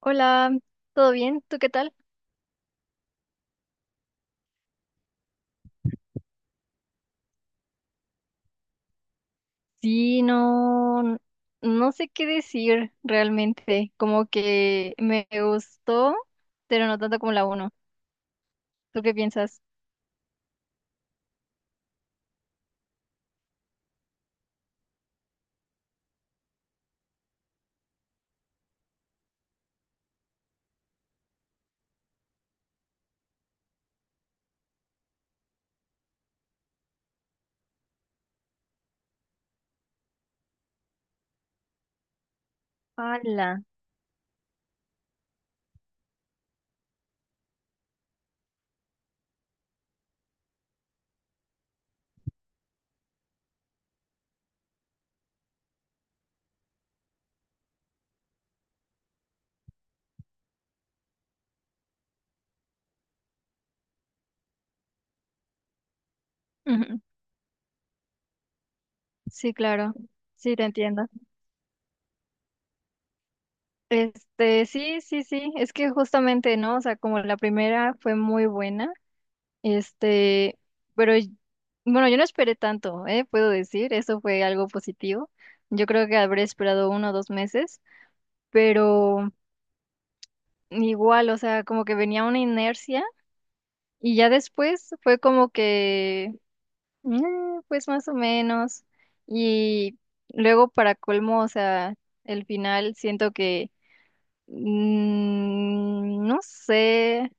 Hola, ¿todo bien? ¿Tú qué tal? Sí, no, no sé qué decir realmente. Como que me gustó, pero no tanto como la uno. ¿Tú qué piensas? Hola. Sí, claro. Sí, te entiendo. Sí, sí, sí. Es que justamente, ¿no? O sea, como la primera fue muy buena. Este, pero y- bueno, yo no esperé tanto, ¿eh? Puedo decir, eso fue algo positivo. Yo creo que habré esperado uno o dos meses, pero. Igual, o sea, como que venía una inercia y ya después fue como que, "Mm, pues más o menos. Y luego para colmo, o sea, el final siento que, no sé,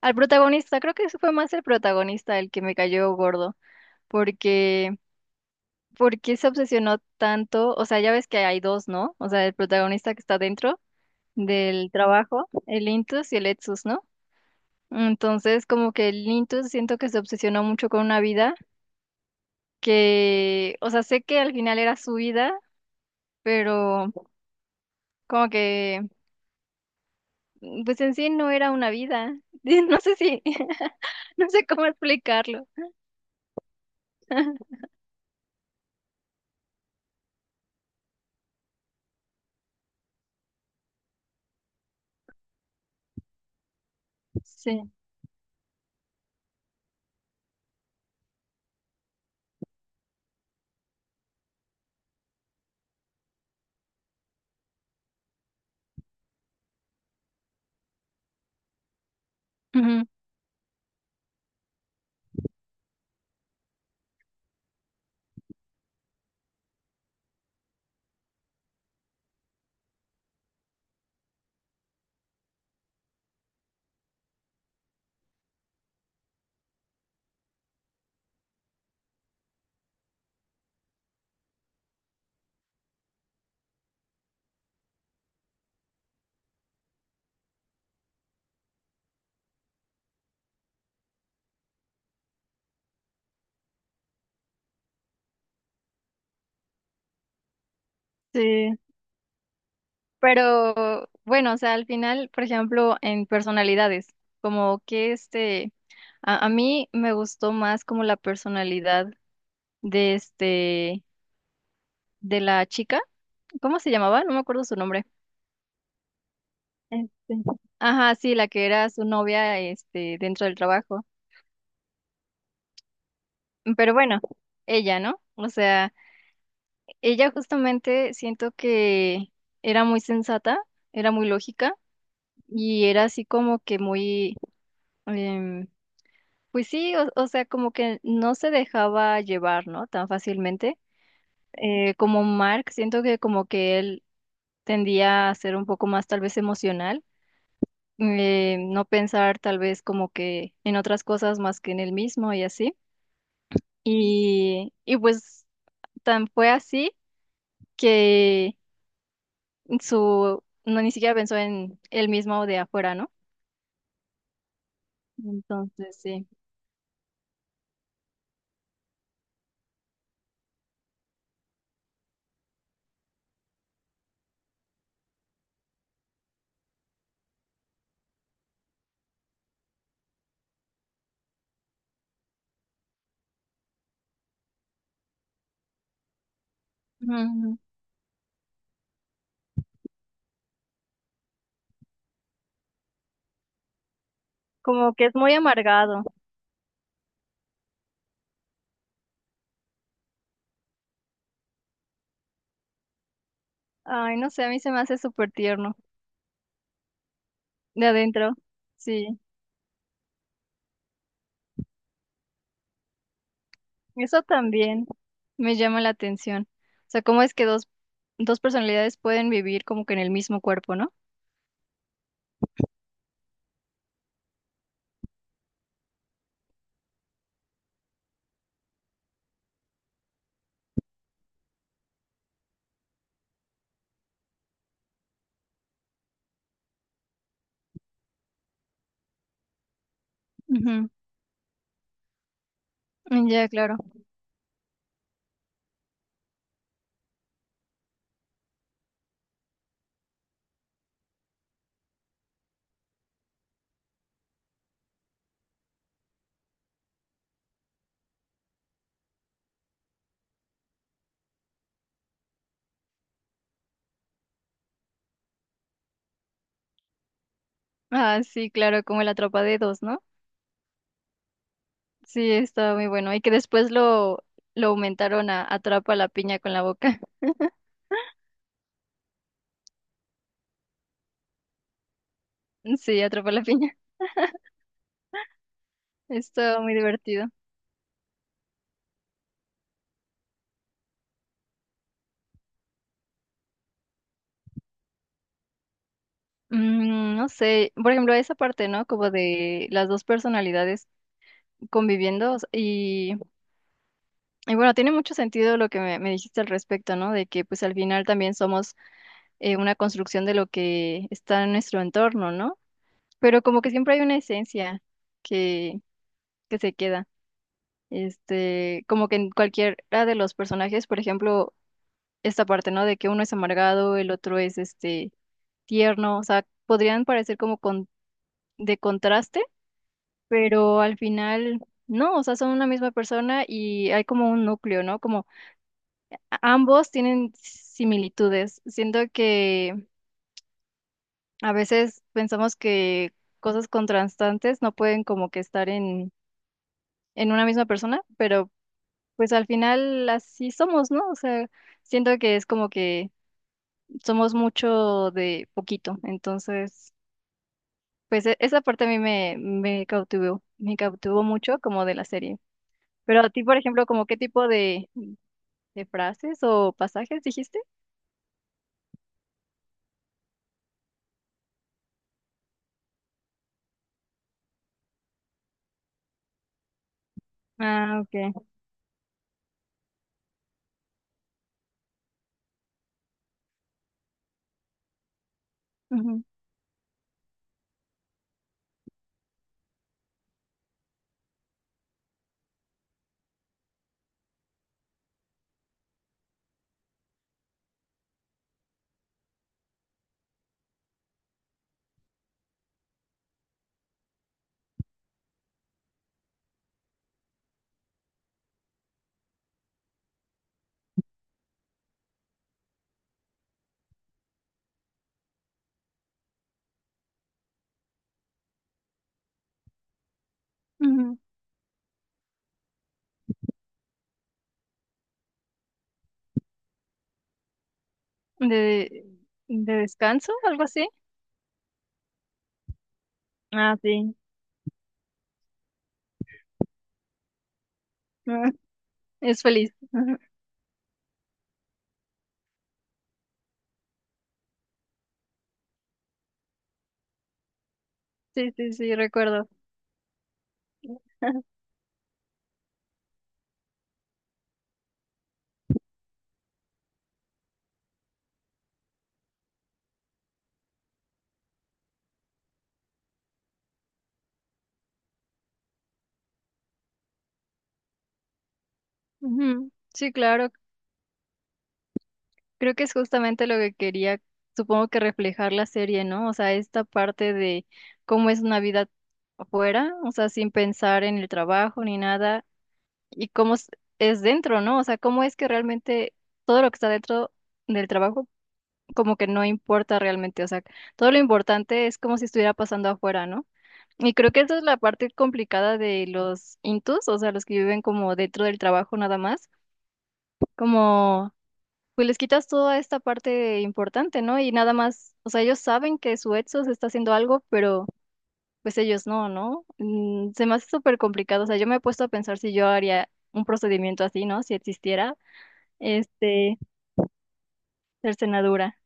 al protagonista, creo que ese fue más el protagonista el que me cayó gordo, porque, porque se obsesionó tanto, o sea, ya ves que hay dos, ¿no? O sea, el protagonista que está dentro del trabajo, el Intus y el Etsus, ¿no? Entonces, como que el Intus siento que se obsesionó mucho con una vida que, o sea, sé que al final era su vida, pero como que, pues en sí no era una vida. No sé si, no sé cómo explicarlo. Sí, ujú, sí. Pero bueno, o sea, al final, por ejemplo, en personalidades, como que este, a mí me gustó más como la personalidad de este. De la chica, ¿cómo se llamaba? No me acuerdo su nombre. Este, ajá, sí, la que era su novia, este, dentro del trabajo. Pero bueno, ella, ¿no? O sea, ella justamente siento que era muy sensata, era muy lógica y era así como que muy, em, pues sí, o sea, como que no se dejaba llevar, ¿no? Tan fácilmente. Como Mark, siento que como que él tendía a ser un poco más tal vez emocional no pensar tal vez como que en otras cosas más que en el mismo y así. Y pues tan fue así que su, no ni siquiera pensó en el mismo de afuera, ¿no? Entonces, sí. Ujú. Como que es muy amargado. Ay, no sé, a mí se me hace súper tierno de adentro. Sí, eso también me llama la atención. O sea, cómo es que dos, dos personalidades pueden vivir como que en el mismo cuerpo, ¿no? Ujú. Ya, claro. Ah, sí, claro, como el Atrapa Dedos, ¿no? Sí, estaba muy bueno. Y que después lo aumentaron a Atrapa la piña con la boca. Sí, Atrapa la piña. Estaba muy divertido. Mm, no sé, por ejemplo, esa parte, ¿no? Como de las dos personalidades conviviendo, o sea, y bueno, tiene mucho sentido lo que me dijiste al respecto, ¿no? De que pues al final también somos una construcción de lo que está en nuestro entorno, ¿no? Pero como que siempre hay una esencia que, que se queda. Este, como que en cualquiera de los personajes, por ejemplo, esta parte, ¿no? De que uno es amargado, el otro es este tierno, o sea, podrían parecer como con, de contraste, pero al final no, o sea, son una misma persona y hay como un núcleo, ¿no? Como ambos tienen similitudes. Siento que a veces pensamos que cosas contrastantes no pueden como que estar en una misma persona, pero pues al final así somos, ¿no? O sea, siento que es como que somos mucho de poquito, entonces, pues esa parte a mí me cautivó mucho como de la serie. Pero a ti, por ejemplo, como qué tipo de frases o pasajes dijiste? Ah, ok. Ujú, ujú. De, de descanso, algo así. Ah, sí. Es feliz. Sí, sí, sí, recuerdo. Ujú. Sí, claro. Creo que es justamente lo que quería, supongo que reflejar la serie, ¿no? O sea, esta parte de cómo es una vida afuera, o sea, sin pensar en el trabajo ni nada, y cómo es dentro, ¿no? O sea, cómo es que realmente todo lo que está dentro del trabajo como que no importa realmente, o sea, todo lo importante es como si estuviera pasando afuera, ¿no? Y creo que esa es la parte complicada de los intus, o sea, los que viven como dentro del trabajo nada más, como pues les quitas toda esta parte importante, ¿no? Y nada más, o sea, ellos saben que su Edsos está haciendo algo, pero pues ellos no, ¿no? Mm, se me hace súper complicado, o sea, yo me he puesto a pensar si yo haría un procedimiento así, ¿no? Si existiera, este, cercenadura.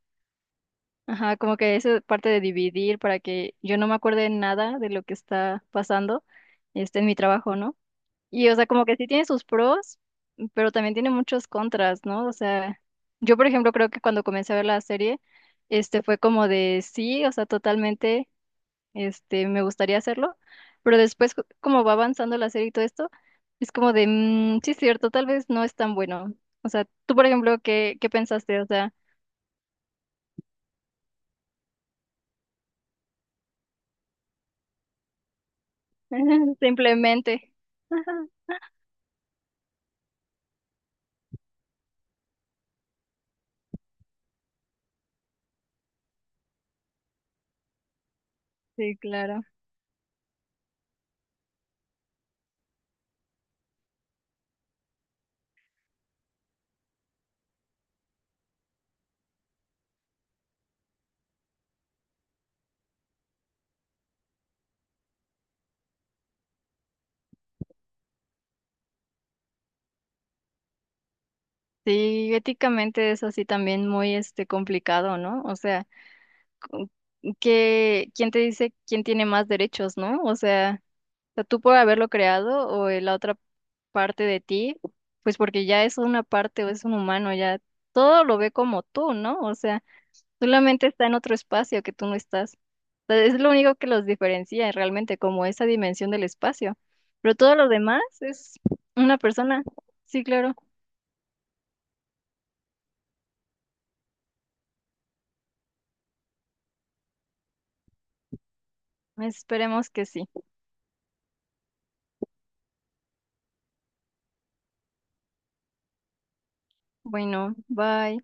Ajá, como que esa parte de dividir para que yo no me acuerde nada de lo que está pasando, este, en mi trabajo, ¿no? Y, o sea, como que sí tiene sus pros, pero también tiene muchos contras, ¿no? O sea, yo, por ejemplo, creo que cuando comencé a ver la serie, este fue como de sí, o sea, totalmente, este, me gustaría hacerlo, pero después, como va avanzando la serie y todo esto, es como de, mm, sí, es cierto, tal vez no es tan bueno. O sea, tú, por ejemplo, ¿qué, qué pensaste? O sea, simplemente. Ajá, sí, claro. Sí, éticamente es así también muy este complicado, ¿no? O sea, que quién te dice quién tiene más derechos, ¿no? O sea, tú por haberlo creado o la otra parte de ti, pues porque ya es una parte o es un humano, ya todo lo ve como tú, ¿no? O sea, solamente está en otro espacio que tú no estás. O sea, es lo único que los diferencia realmente, como esa dimensión del espacio. Pero todo lo demás es una persona. Sí, claro. Esperemos que sí. Bueno, bye.